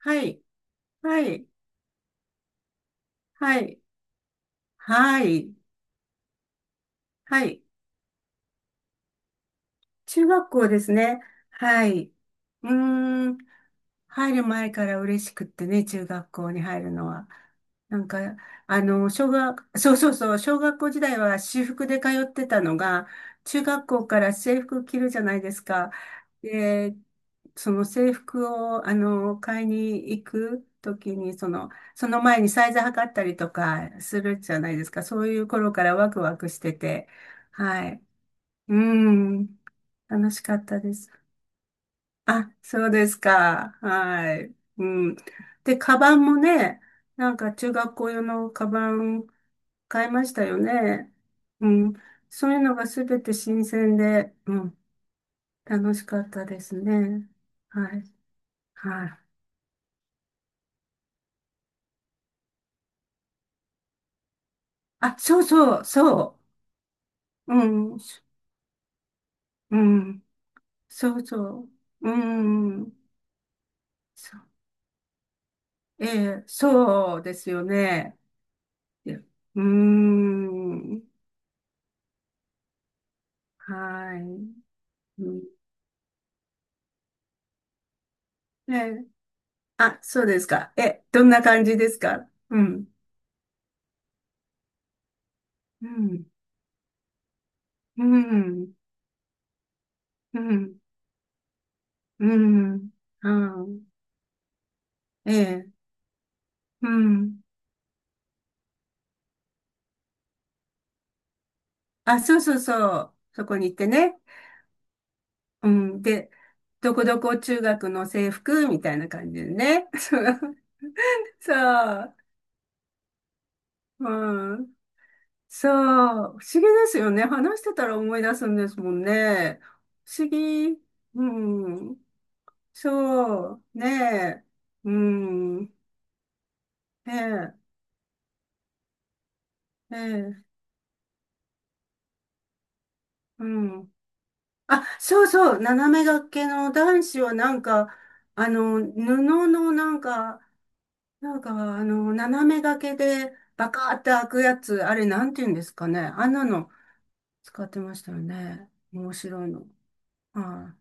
はい、はい、はい、はい、はい。中学校ですね。はい。うーん。入る前から嬉しくってね、中学校に入るのは。なんか、小学、そうそうそう、小学校時代は私服で通ってたのが、中学校から制服着るじゃないですか。で、その制服を、買いに行くときに、その、その前にサイズ測ったりとかするじゃないですか。そういう頃からワクワクしてて、はい。うん。楽しかったです。あ、そうですか。はい。うん。で、カバンもね、なんか中学校用のカバン買いましたよね。うん。そういうのがすべて新鮮で、うん。楽しかったですね。はい。はい。あ、そうそう、そう。うん。うん。そうそう。うん。そう。ええ、そうですよね。いやうーん。はい。うんええ。あ、そうですか。え、どんな感じですか？うん。うん。うん。うん。うん。うんええ。うん。あ、そうそうそう。そこに行ってね。うん。で、どこどこ中学の制服みたいな感じでね。そうそう。うん。そう。不思議ですよね。話してたら思い出すんですもんね。不思議。うん。そう。ねえ。うん。ねえ。ええ、うん。あ、そうそう、斜め掛けの男子はなんか、布のなんか、なんか、斜め掛けでバカーって開くやつ、あれなんて言うんですかね。あんなの使ってましたよね。面白いの。は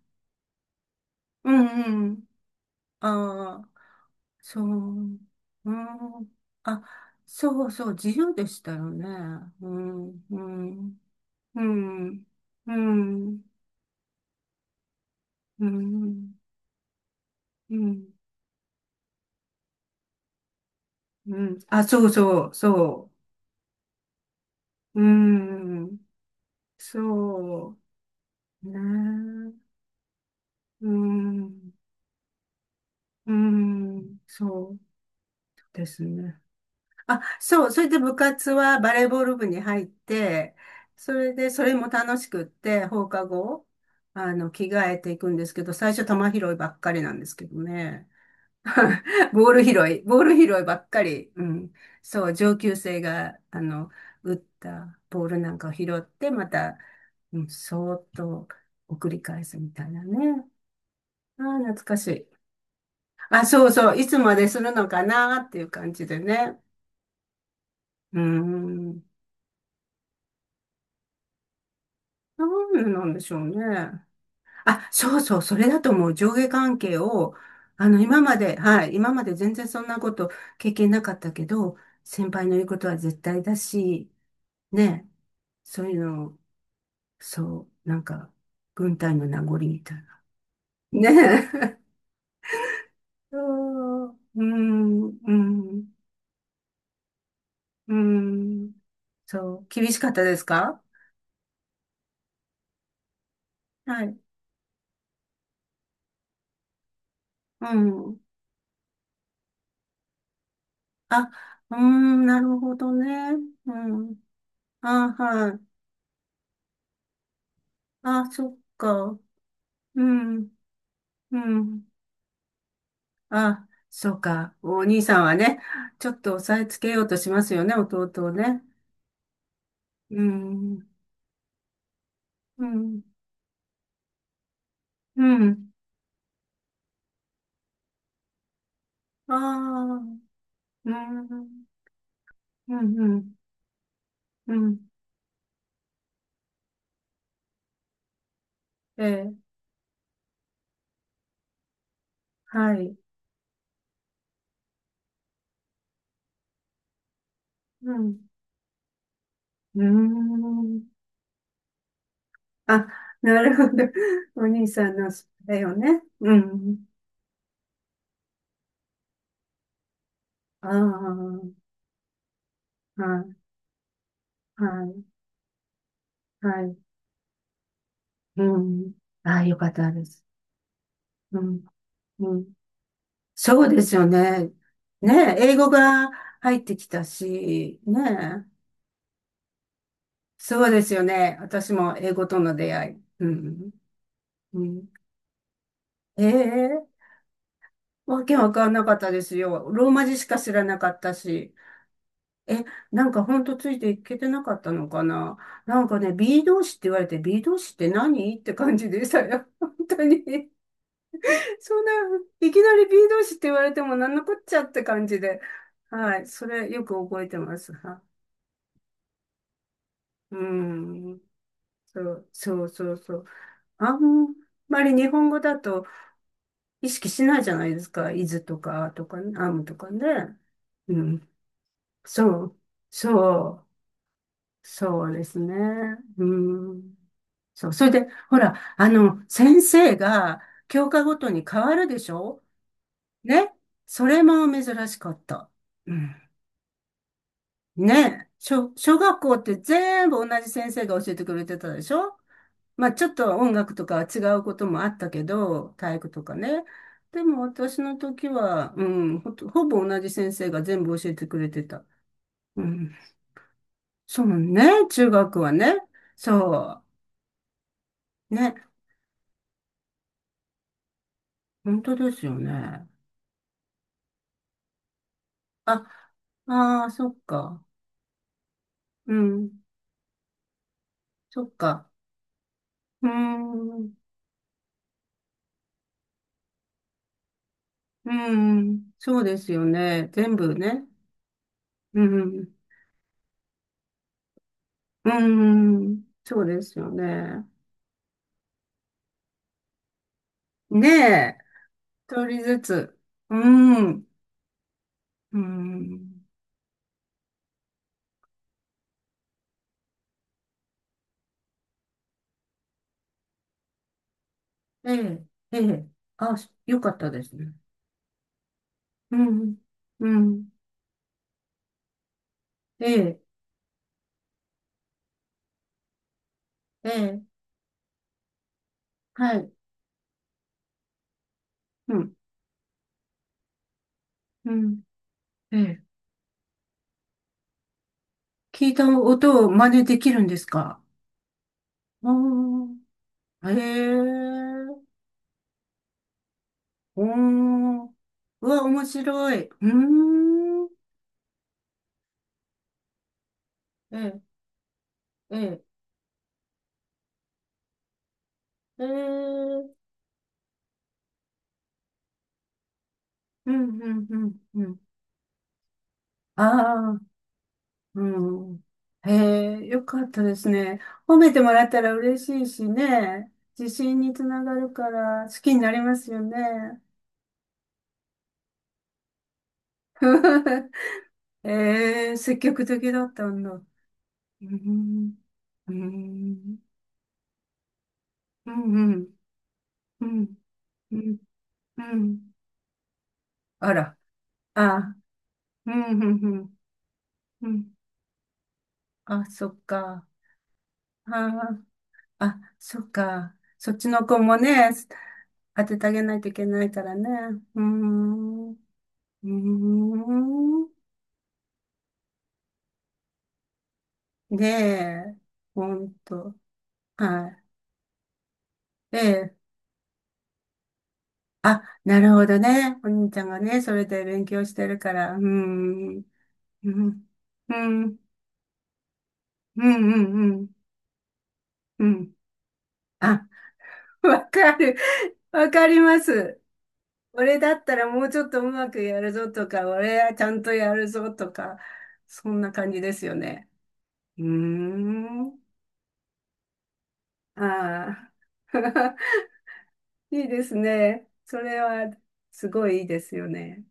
い。うんうん。ああ、そう。うん。あ、そうそう、自由でしたよね。うん、うん、うん、うん、うん、うん。うん。あ、そうそう、そう。うん。そうね。うん。うん。そうですね。あ、そう。それで部活はバレーボール部に入って、それで、それも楽しくって、放課後、着替えていくんですけど、最初球拾いばっかりなんですけどね。ボール拾い、ボール拾いばっかり。うん。そう、上級生が、打ったボールなんかを拾って、また、うん、そーっと送り返すみたいなね。ああ、懐かしい。あ、そうそう、いつまでするのかなっていう感じでね。うーん、なんなんでしょうね。あ、そうそう、それだと思う。上下関係を、今まで、はい、今まで全然そんなこと経験なかったけど、先輩の言うことは絶対だし、ね、そういうの、そう、なんか、軍隊の名残みたいな。ねえ。そう、うん、うん。うん。そう、厳しかったですか？はい。うん。あ、うーん、なるほどね。うん。あ、はい。あ、そっか。うん、うん。あ、そうか。お兄さんはね、ちょっと押さえつけようとしますよね、弟をね。うん、うん、うん。ああ、うん、うん、うん、うん。ええ、はい。うん、うーん。あ、なるほど。お兄さんのそれよね。うん。ああ、はい、はい、はい。うん。ああ、よかったです。うん、うん。そうですよね。ねえ、英語が入ってきたし、ねえ。そうですよね。私も英語との出会い。うん、うん。ええ、わけわかんなかったですよ。ローマ字しか知らなかったし。え、なんかほんとついていけてなかったのかな、なんかね、B 同士って言われて、B 同士って何って感じでしたよ。本当に。そんな、いきなり B 同士って言われてもなんのこっちゃって感じで。はい。それよく覚えてます。はうん。そう、そうそうそう。あんまり日本語だと意識しないじゃないですか。イズとか、とか、アムとかね。うん。そう。そう。そうですね。うん。そう、それで、ほら、先生が教科ごとに変わるでしょ？ね。それも珍しかった。うん。ね。小学校って全部同じ先生が教えてくれてたでしょ？まあ、ちょっと音楽とかは違うこともあったけど、体育とかね。でも私の時は、うん、ほぼ同じ先生が全部教えてくれてた。うん。そうね。中学はね。そう。ね。本当ですよね。あ、ああ、そっか。うん。そっか。うーん。うーん。そうですよね。全部ね。うん。うーん。そうですよね。ねえ。一人ずつ。うーん。うーん。ええ。ええ。あ、よかったですね。うん。うん。ええ。ええ。はい。うん。うん。ええ。聞いた音を真似できるんですか？うー。へえ。おー。うわ、面白い。うーん。ええ、ええ。ええうん、うん、うん、うん。ああ、うん。へえ、よかったですね。褒めてもらったら嬉しいしね。自信につながるから好きになりますよね。ええ、積極的だったんだ。うーん、うーん、うん、うん、うん、うん。うんあら、あ、うん、うん、うん。うんあ、そっか。ああ、あ、そっか。そっちの子もね、当ててあげないといけないからね。うーん。うーん。ねえ。ほんと。はい。ええ。あ、なるほどね。お兄ちゃんがね、それで勉強してるから。うーん。うん。うん。うん。うん。うん。うんあ、わかる。わかります。俺だったらもうちょっとうまくやるぞとか、俺はちゃんとやるぞとか、そんな感じですよね。うーん。ああ。いいですね。それはすごいいいですよね。